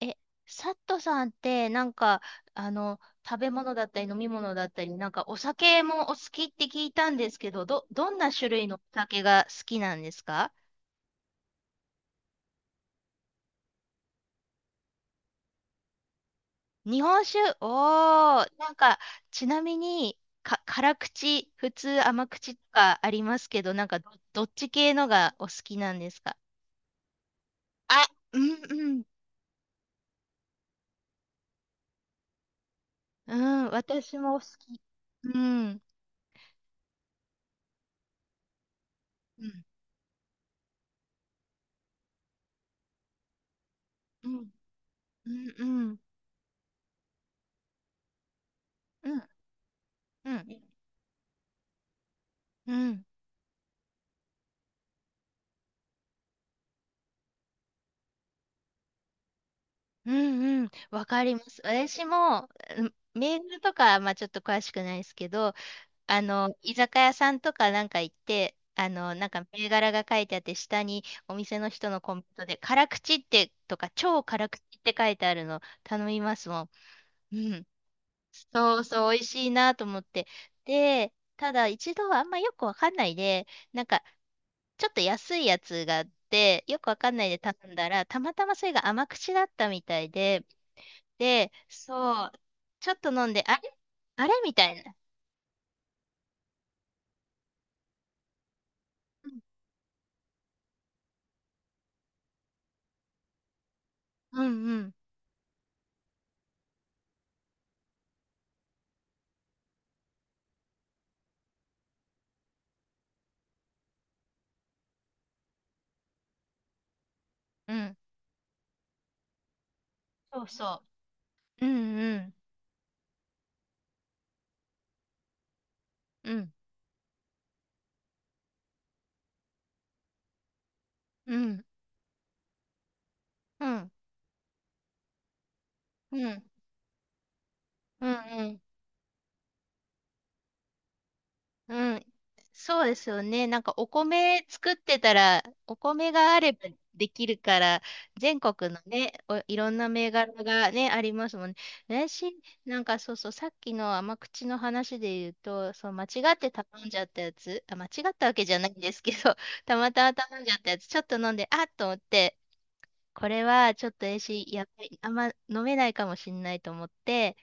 え、サットさんって、食べ物だったり飲み物だったり、なんかお酒もお好きって聞いたんですけど、どんな種類のお酒が好きなんですか？日本酒、おー、なんか、ちなみに、辛口、普通甘口とかありますけど、なんかどっち系のがお好きなんですか？あ、うんうん。うん、私も好き。うん。うん。うん。うん。うん。うん。うん。うん。うんうんうん、わかります。私も、うんメールとか、まあちょっと詳しくないですけど、あの、居酒屋さんとかなんか行って、あの、なんか銘柄が書いてあって、下にお店の人のコメントで、辛口ってとか、超辛口って書いてあるの頼みますもん。うん。そうそう、美味しいなと思って。で、ただ一度はあんまよくわかんないで、なんか、ちょっと安いやつがあって、よくわかんないで頼んだら、たまたまそれが甘口だったみたいで、で、そう、ちょっと飲んで、あれみたいな。うんうんうん。うんそうそう。うんうん。うんうん。うんうん。うんうん。うん。そうですよね。なんかお米作ってたら、お米があればできるから、全国のね、お、いろんな銘柄がね、ありますもんね。私、なんかそうそう、さっきの甘口の話で言うと、そう、間違って頼んじゃったやつ、あ、間違ったわけじゃないんですけど、たまたま頼んじゃったやつ、ちょっと飲んで、あっと思って、これはちょっと私、やっぱりあんま飲めないかもしれないと思って、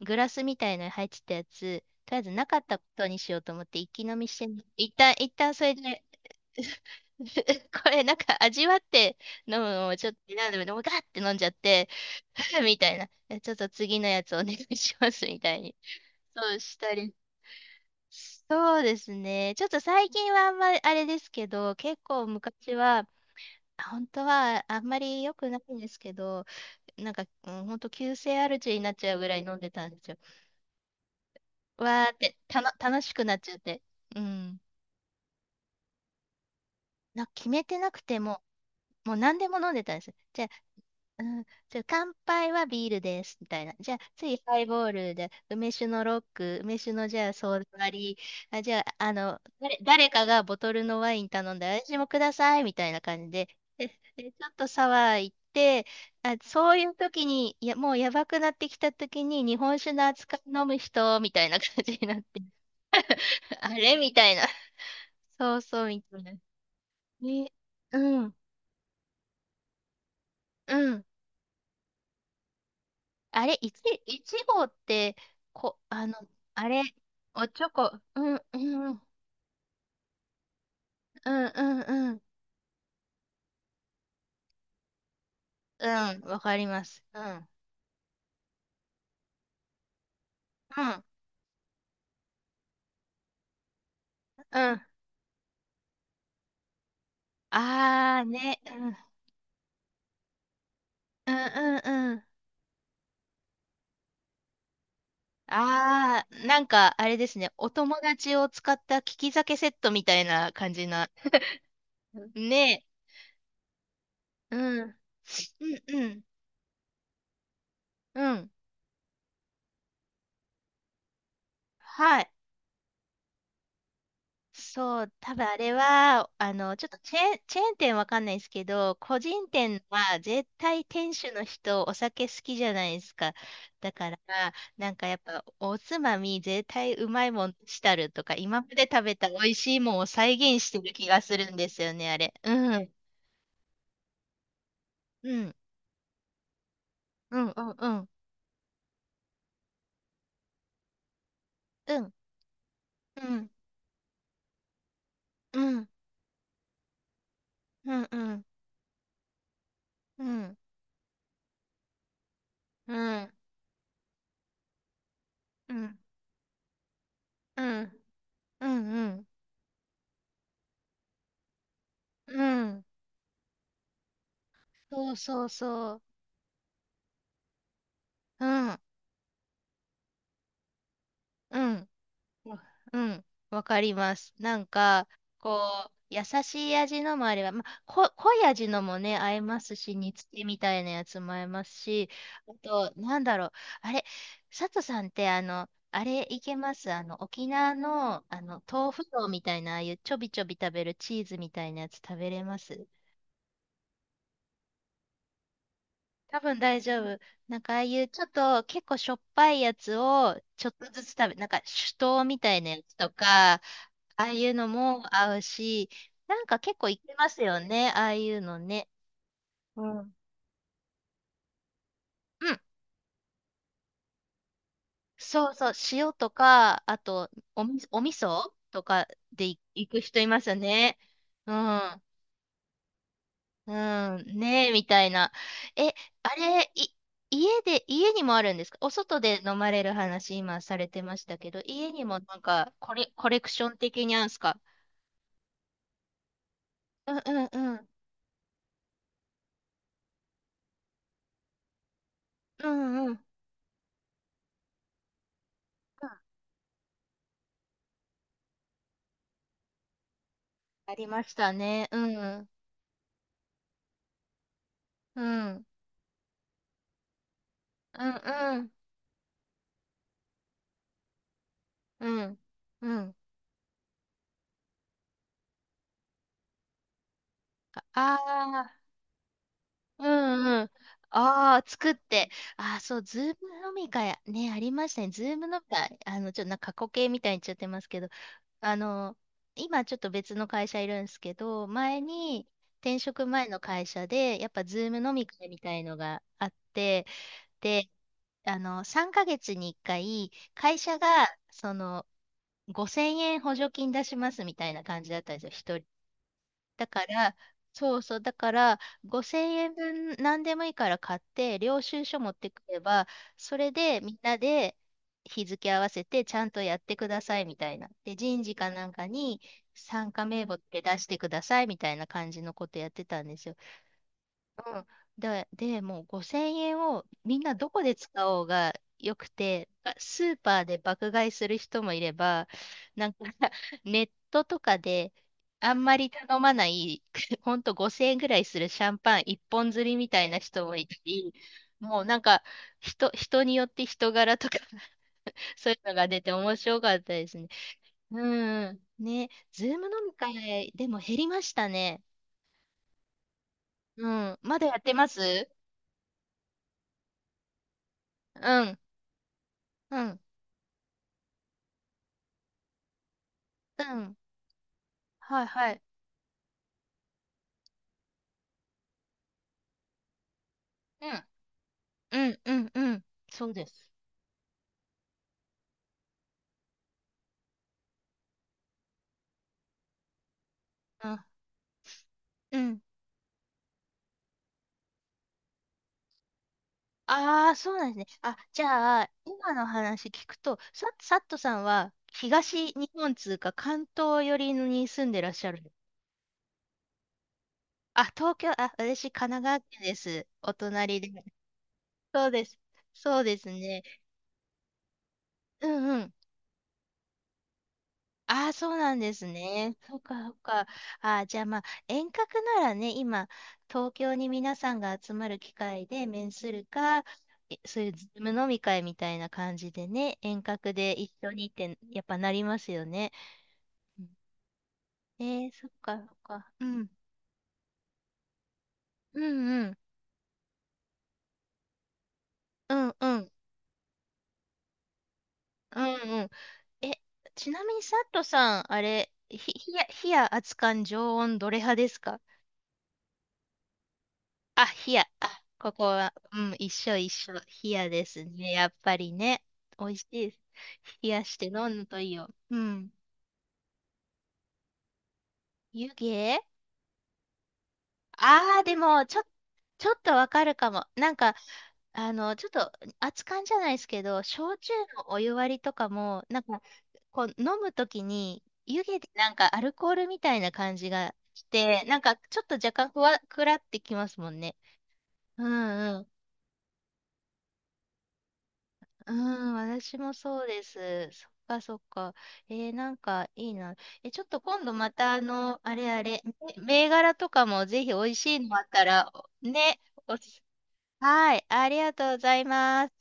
グラスみたいのに入ってたやつ、とりあえずなかったことにしようと思って一気飲みしてみ、一旦それで これなんか味わって飲むのをちょっと選んで、でもガーって飲んじゃって、みたいな。えちょっと次のやつお願いしますみたいに。そうしたり。そうですね。ちょっと最近はあんまりあれですけど、結構昔は、本当はあんまり良くないんですけど、なんか、うん、本当急性アルチになっちゃうぐらい飲んでたんですよ。わーって、たの、楽しくなっちゃって。うん。な、決めてなくても、もう何でも飲んでたんですよ。じゃあ、うん、じゃあ乾杯はビールです、みたいな。じゃあ、次ハイボールで、梅酒のロック、梅酒のじゃあソーダ割り、あ、じゃあ、あの、誰かがボトルのワイン頼んで、私もください、みたいな感じで、で、でちょっとサワー行って、あ、そういう時に、いや、もうやばくなってきた時に、日本酒の扱い飲む人、みたいな感じになって、あれみたいな。そうそう、みたいな。ね、うん、うん。あれ、いちごって、こ、あの、あれ、おチョコ、うん、うん、うん、うん、うん、うん、わかります。うん、うん、うん。あーね、うん、うん、うん、うん。あー、なんか、あれですね、お友達を使った利き酒セットみたいな感じな。ねえ、うん、うん、うん、うん。はい。そう、多分あれは、あの、ちょっとチェーン店わかんないですけど、個人店は絶対店主の人お酒好きじゃないですか。だから、なんかやっぱおつまみ絶対うまいもんしたるとか、今まで食べた美味しいもんを再現してる気がするんですよね、あれ。うん。うん。うん。うん。うん。うん。うん。うん。うん。うん。うん。うん。うん。うん。うん。うんそうそうそう。うん。うん。わうん、わかります。なんか、こう、優しい味のもあれば、まあ、こ、濃い味のもね、合いますし、煮つけみたいなやつも合いますし、あと、なんだろう、あれ、佐藤さんって、あの、あれいけますあの、沖縄の、あの、豆腐丼みたいな、ああいうちょびちょび食べるチーズみたいなやつ食べれます？多分大丈夫。なんかああいうちょっと結構しょっぱいやつをちょっとずつ食べ、なんか酒盗みたいなやつとか、ああいうのも合うし、なんか結構いけますよね、ああいうのね。うん。うん、そうそう、塩とか、あとおみ、お味噌とかでい行く人いますよね。うん、うん、ねえ、みたいな。え、あれ、い、家で、家にもあるんですか？お外で飲まれる話、今されてましたけど、家にもなんか、コレクション的にあるんですか？うんうんうん、うんうん、うんありましたね。うん、うん、うんうん。うん。うん。ああ、うんうん。ああ、作って。ああ、そう、ズーム飲み会、ね、ありましたね。ズーム飲み会、あの、ちょっとなんか過去形みたいに言っちゃってますけど、あの、今ちょっと別の会社いるんですけど、前に、転職前の会社で、やっぱズーム飲み会みたいのがあって、で、あの、3ヶ月に1回、会社が、その、5000円補助金出しますみたいな感じだったんですよ。一だから、そうそう、だから、5000円分何でもいいから買って、領収書持ってくれば、それでみんなで日付合わせてちゃんとやってくださいみたいな。で、人事かなんかに参加名簿って出してくださいみたいな感じのことやってたんですよ。うんで、でもう5000円をみんなどこで使おうがよくて、あスーパーで爆買いする人もいれば、なんか ネットとかであんまり頼まない、ほんと5000円ぐらいするシャンパン一本釣りみたいな人もいたり、もうなんか人によって人柄とか そういうのが出て面白かったですね。うん。ね、ズーム飲み会でも減りましたね。うん。まだやってます？うん。うん。うん。はいはい。うん。うんうんうん。そうです。あ、うん。ああ、そうなんですね。あ、じゃあ、今の話聞くと、さ、サットさんは東日本通か関東寄りに住んでらっしゃる。あ、東京、あ、私、神奈川県です。お隣で。そうです。そうですね。うんああ、そうなんですね。そうか、そうか。ああ、じゃあまあ、遠隔ならね、今、東京に皆さんが集まる機会で面するか、えそういうズーム飲み会みたいな感じでね、遠隔で一緒にって、やっぱなりますよね。うんえー、そっか、そっか。うん。うんうん。うんうん。うんうん。え、ちなみに、サットさん、あれ、ひや熱燗常温どれ派ですか？あ、冷や。あ、ここは、うん、一緒一緒。冷やですね。やっぱりね。美味しいです。冷やして飲むといいよ。うん。湯気ああー、でも、ちょ、ちょっとわかるかも。なんか、あの、ちょっと、熱燗じゃないですけど、焼酎のお湯割りとかも、なんか、こう、飲むときに、湯気でなんかアルコールみたいな感じがして、なんか、ちょっと若干ふわ、くらってきますもんね。うんうん、私もそうです。そっかそっか。えー、なんかいいな。え、ちょっと今度またあの、あれあれ、め銘柄とかもぜひ美味しいのあったら、ね、おすはい、ありがとうございます。